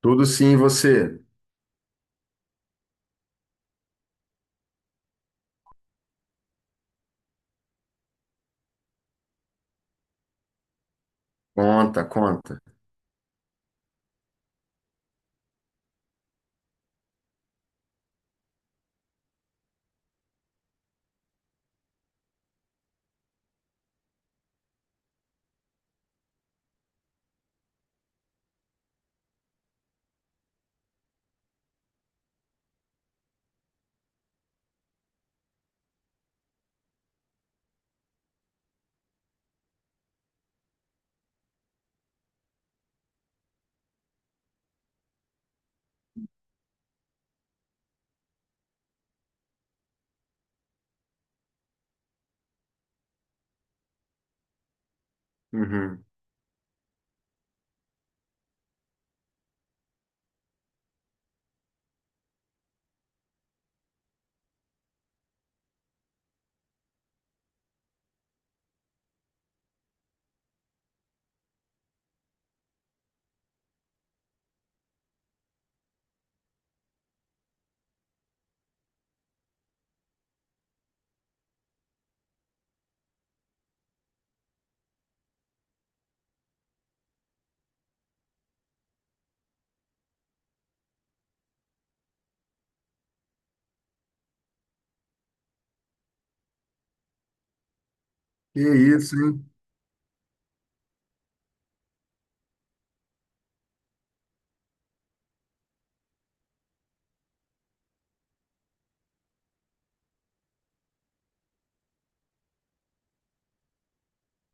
Tudo sim, e você. Conta, conta. Uhum. Que isso, hein?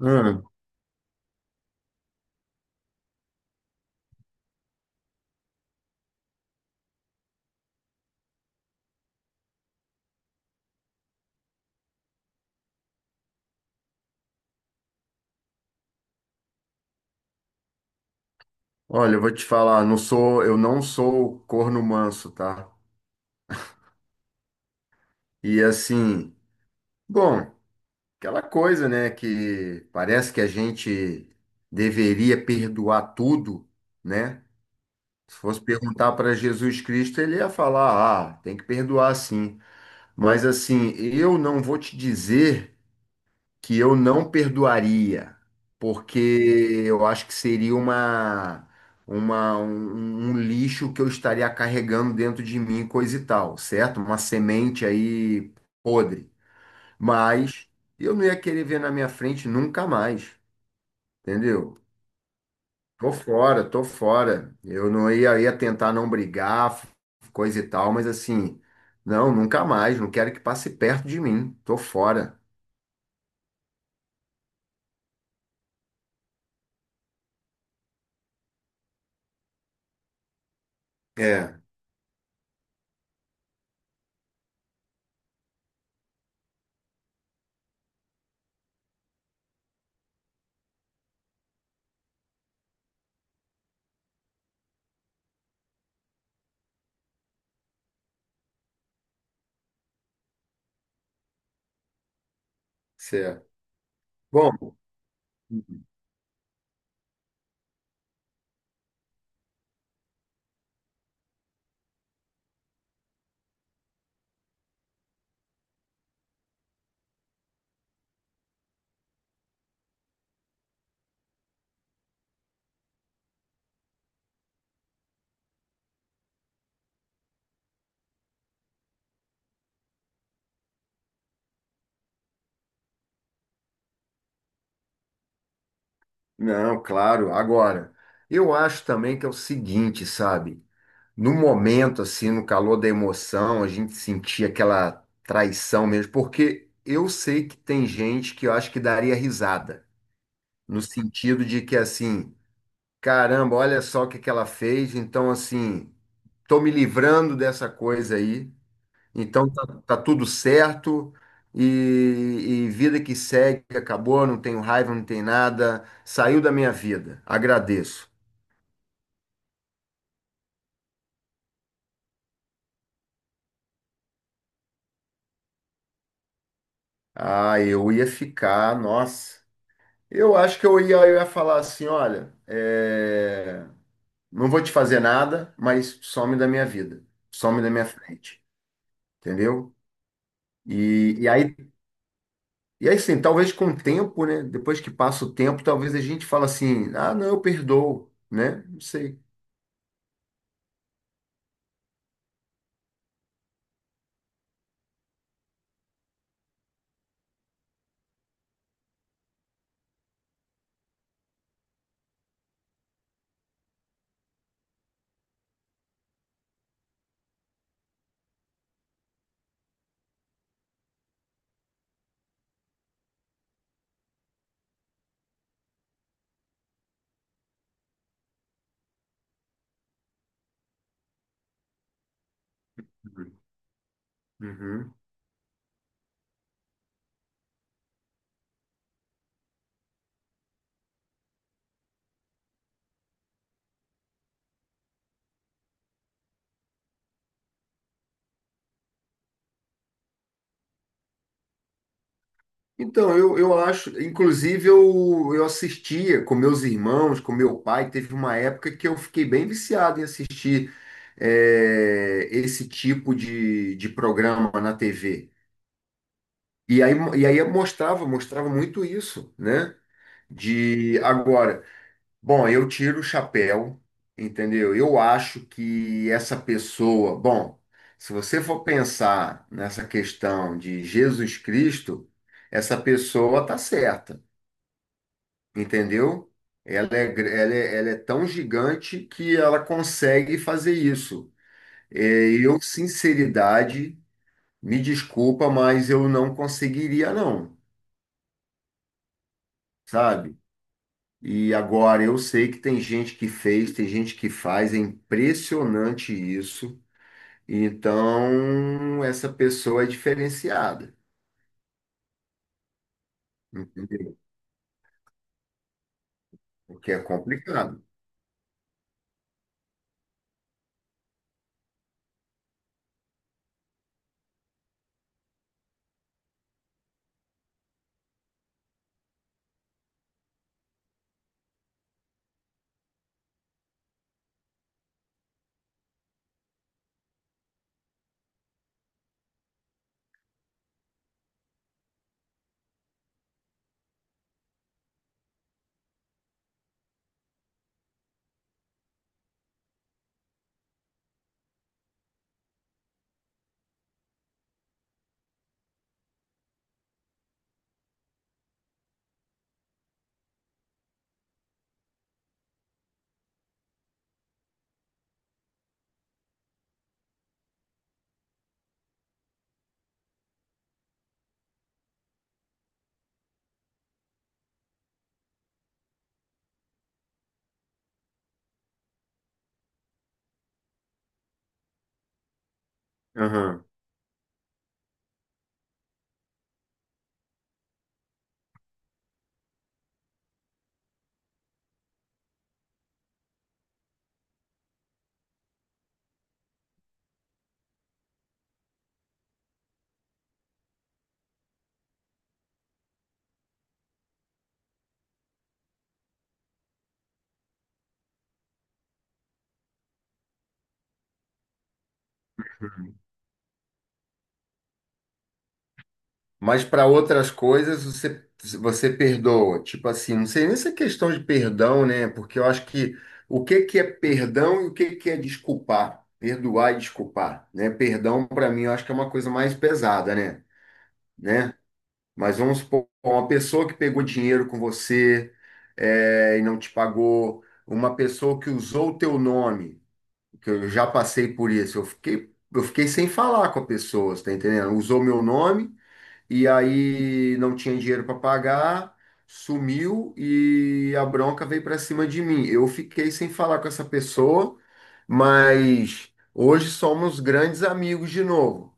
Ah, olha, eu vou te falar, eu não sou corno manso, tá? E assim, bom, aquela coisa, né, que parece que a gente deveria perdoar tudo, né? Se fosse perguntar para Jesus Cristo, ele ia falar, ah, tem que perdoar sim. Mas assim, eu não vou te dizer que eu não perdoaria, porque eu acho que seria um lixo que eu estaria carregando dentro de mim, coisa e tal, certo? Uma semente aí podre. Mas eu não ia querer ver na minha frente nunca mais, entendeu? Tô fora, tô fora. Eu não ia, ia tentar não brigar, coisa e tal, mas assim, não, nunca mais, não quero que passe perto de mim, tô fora. É, certo. Bom. Não, claro. Agora, eu acho também que é o seguinte, sabe? No momento, assim, no calor da emoção, a gente sentia aquela traição mesmo, porque eu sei que tem gente que eu acho que daria risada, no sentido de que, assim, caramba, olha só o que que ela fez, então, assim, tô me livrando dessa coisa aí, então tá, tá tudo certo. E, e vida que segue, acabou, não tenho raiva, não tem nada, saiu da minha vida, agradeço. Ah, eu ia ficar, nossa. Eu acho que eu ia falar assim, olha, é, não vou te fazer nada, mas some da minha vida, some da minha frente, entendeu? E, e aí, e aí sim, talvez com o tempo, né? Depois que passa o tempo, talvez a gente fala assim, ah, não, eu perdoo, né? Não sei. Uhum. Então, eu acho, inclusive eu assistia com meus irmãos, com meu pai, teve uma época que eu fiquei bem viciado em assistir esse tipo de programa na TV. E aí, e aí eu mostrava, mostrava muito isso, né? De agora, bom, eu tiro o chapéu, entendeu? Eu acho que essa pessoa, bom, se você for pensar nessa questão de Jesus Cristo, essa pessoa tá certa. Entendeu? Ela é tão gigante que ela consegue fazer isso. É, eu, sinceridade, me desculpa, mas eu não conseguiria, não, sabe? E agora eu sei que tem gente que fez, tem gente que faz, é impressionante isso. Então, essa pessoa é diferenciada, entendeu? Porque é complicado. Mas para outras coisas você, você perdoa. Tipo assim, não sei nem se é questão de perdão, né? Porque eu acho que o que que é perdão e o que que é desculpar, perdoar e desculpar, né? Perdão para mim eu acho que é uma coisa mais pesada, né? Né? Mas vamos supor, uma pessoa que pegou dinheiro com você é, e não te pagou, uma pessoa que usou o teu nome, que eu já passei por isso, eu fiquei sem falar com a pessoa, você tá entendendo? Usou meu nome e aí não tinha dinheiro para pagar, sumiu e a bronca veio para cima de mim. Eu fiquei sem falar com essa pessoa, mas hoje somos grandes amigos de novo,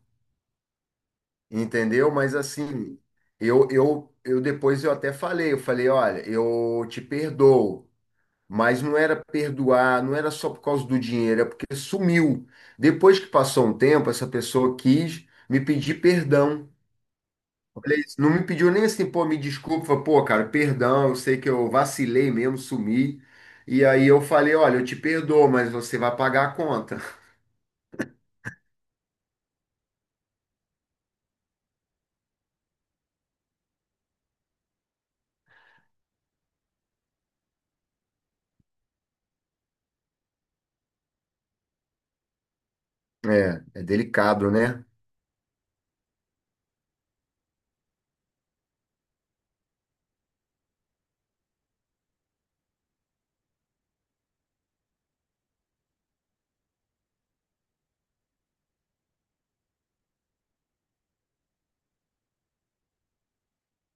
entendeu? Mas assim, eu depois eu até falei, eu falei, olha, eu te perdoo. Mas não era perdoar, não era só por causa do dinheiro, é porque sumiu. Depois que passou um tempo, essa pessoa quis me pedir perdão. Beleza. Não me pediu nem assim, pô, me desculpa, pô, cara, perdão, eu sei que eu vacilei mesmo, sumi. E aí eu falei, olha, eu te perdoo, mas você vai pagar a conta. É, é delicado, né?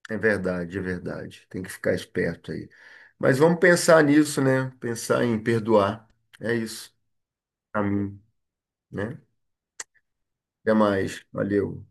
É verdade, é verdade. Tem que ficar esperto aí. Mas vamos pensar nisso, né? Pensar em perdoar. É isso, pra mim, né? Até mais. Valeu.